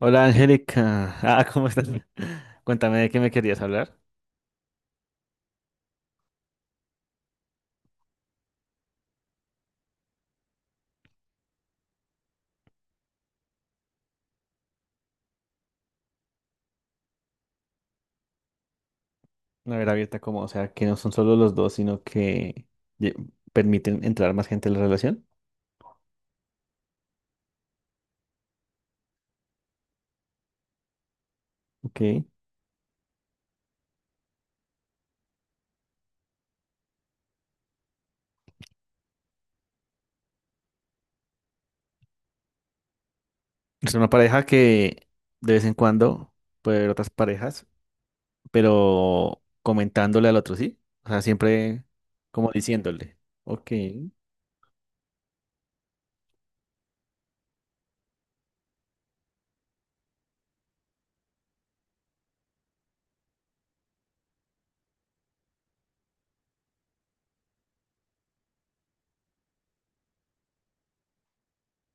Hola Angélica, ¿cómo estás? Cuéntame de qué me querías hablar. Una ver abierta como, o sea, que no son solo los dos, sino que ye- permiten entrar más gente en la relación. Ok. Es una pareja que de vez en cuando puede haber otras parejas, pero comentándole al otro, ¿sí? O sea, siempre como diciéndole. Ok,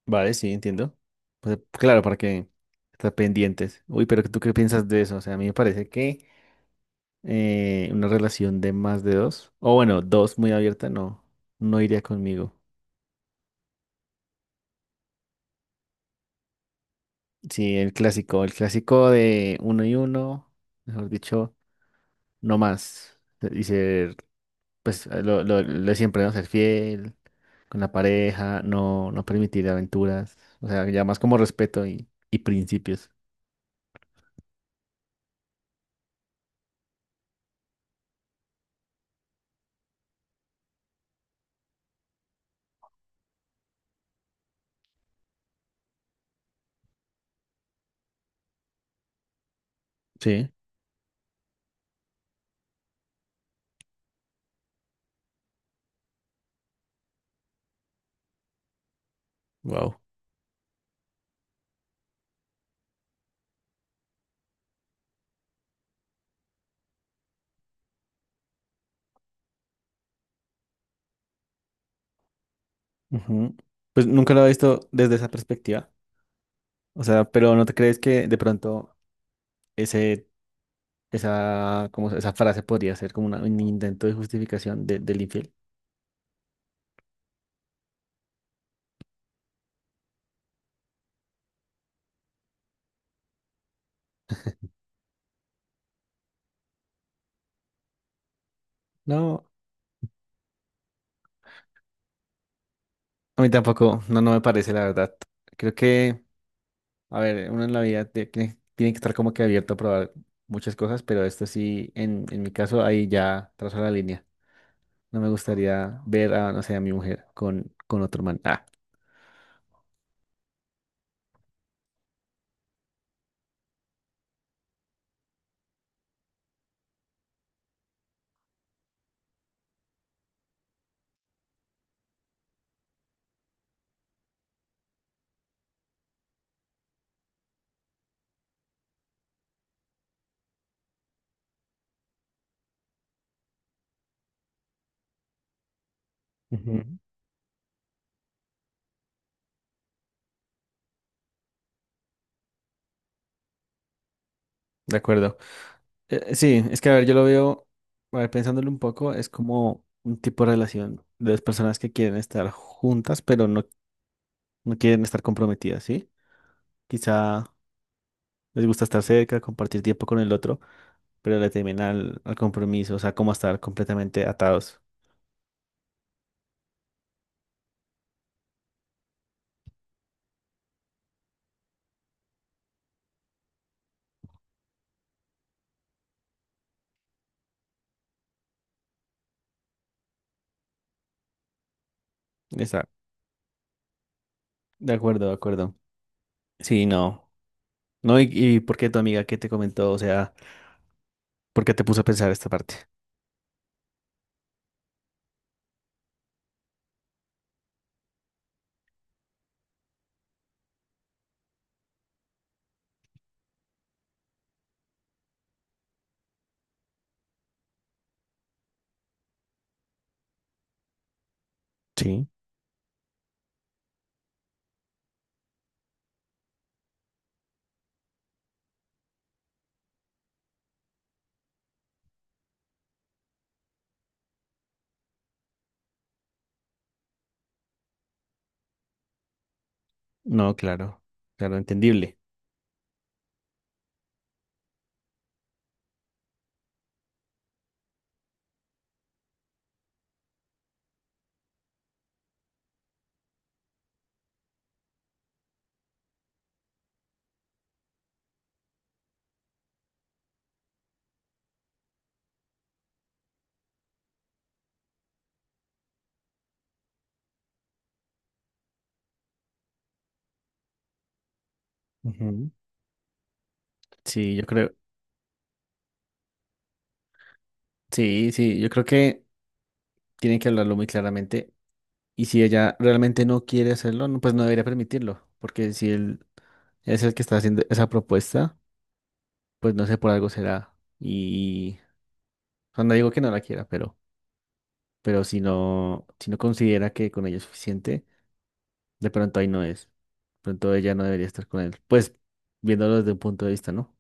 vale, sí, entiendo. Pues, claro, para que estar pendientes. Uy, pero ¿tú qué piensas de eso? O sea, a mí me parece que... una relación de más de dos, o bueno, dos muy abierta, no, no iría conmigo. Sí, el clásico de uno y uno, mejor dicho, no más. Y ser, pues, lo de siempre, ¿no? Ser fiel con la pareja, no, no permitir aventuras, o sea, ya más como respeto y principios. Sí, wow. Ujú. Pues nunca lo he visto desde esa perspectiva. O sea, pero ¿no te crees que de pronto ese esa, como esa frase podría ser como una- un intento de justificación de- del infiel. No, a mí tampoco, no, no me parece la verdad. Creo que, a ver, uno en la vida tiene, tiene que estar como que abierto a probar muchas cosas, pero esto sí, en mi caso, ahí ya trazo la línea. No me gustaría ver a, no sé, a mi mujer con otro man. Ujú, de acuerdo. Sí, es que, a ver, yo lo veo, a ver, pensándolo un poco, es como un tipo de relación de dos personas que quieren estar juntas, pero no no quieren estar comprometidas, ¿sí? Quizá les gusta estar cerca, compartir tiempo con el otro, pero le temen al, al compromiso, o sea, como a estar completamente atados. Está, de acuerdo, de acuerdo. Sí, no. No, y ¿por qué tu amiga que te comentó? O sea, ¿por qué te puso a pensar esta parte? Sí, no, claro, claro, entendible. Ujú. Sí, yo creo, sí, sí, yo creo que tienen que hablarlo muy claramente. Y si ella realmente no quiere hacerlo, no, pues no debería permitirlo, porque si él es el que está haciendo esa propuesta, pues no sé, por algo será. Y, o sea, no digo que no la quiera, pero si no, si no considera que con ella es suficiente, de pronto ahí no es. De pronto ella no debería estar con él. Pues viéndolo desde un punto de vista, ¿no?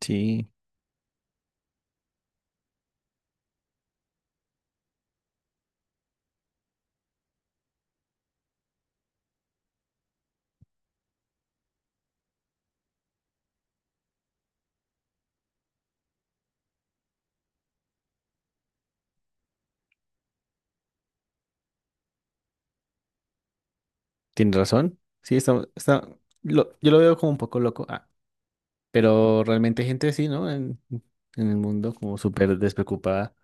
Sí, tiene razón. Sí, está, está, yo lo veo como un poco loco. Pero realmente hay gente así, ¿no? En el mundo, como súper despreocupada.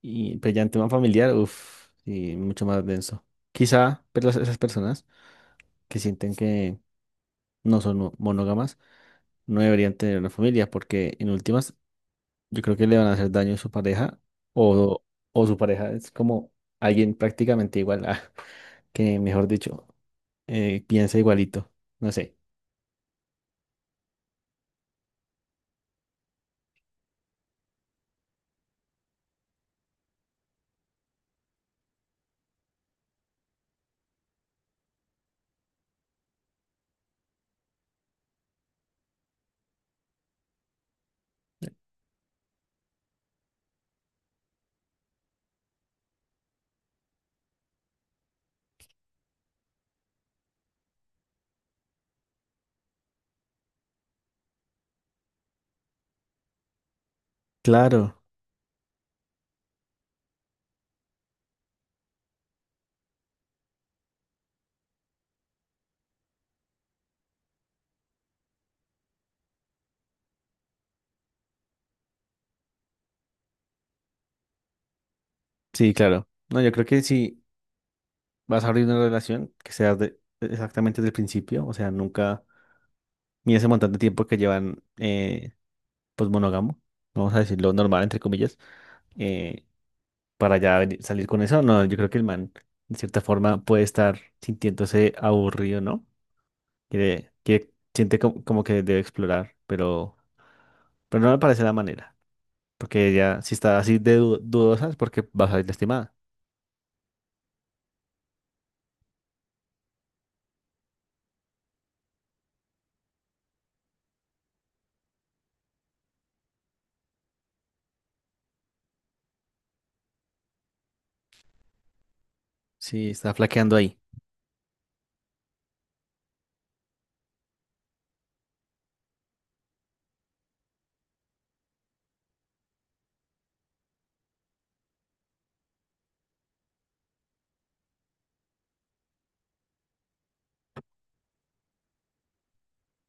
Y, pero ya en tema familiar, uff, y mucho más denso. Quizá, pero esas personas que sienten que no son monógamas no deberían tener una familia porque en últimas yo creo que le van a hacer daño a su pareja o, o su pareja es como alguien prácticamente igual a, que mejor dicho, piensa igualito, no sé. Claro, sí, claro. No, yo creo que si vas a abrir una relación que sea exactamente desde el principio, o sea, nunca ni ese montón de tiempo que llevan pues monógamo, vamos a decirlo normal entre comillas. eh, para ya salir con eso. No, yo creo que el man, de cierta forma, puede estar sintiéndose aburrido, ¿no? Quiere, quiere, siente como, como que debe explorar, pero no me parece la manera. Porque ella, si está así de dudosa, es porque va a salir lastimada. Sí, está flaqueando ahí.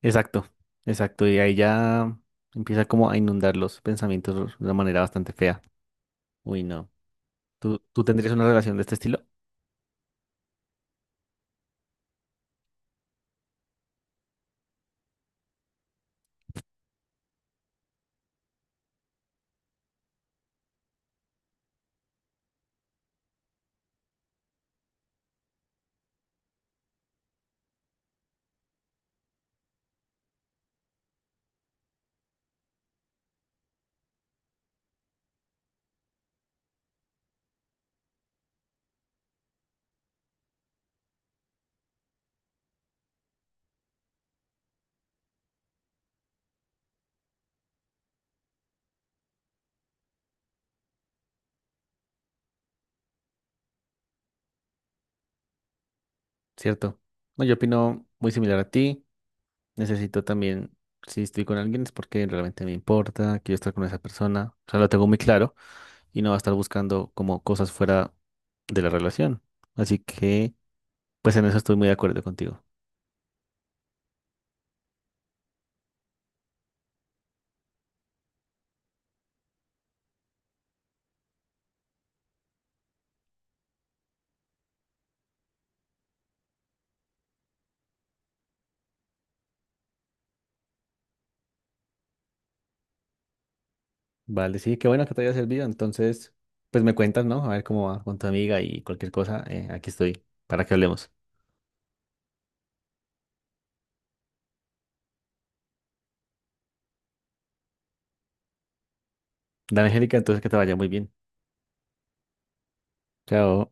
Exacto, exacto. Y ahí ya empieza como a inundar los pensamientos de una manera bastante fea. Uy, no. ¿Tú, tú tendrías una relación de este estilo? ¿Cierto? No, yo opino muy similar a ti. Necesito también, si estoy con alguien es porque realmente me importa, quiero estar con esa persona. O sea, lo tengo muy claro y no va a estar buscando como cosas fuera de la relación. Así que, pues en eso estoy muy de acuerdo contigo. Vale, sí, qué bueno que te haya servido. Entonces, pues me cuentas, ¿no? A ver cómo va con tu amiga y cualquier cosa. Aquí estoy para que hablemos. Dale, Angélica, entonces que te vaya muy bien. Chao.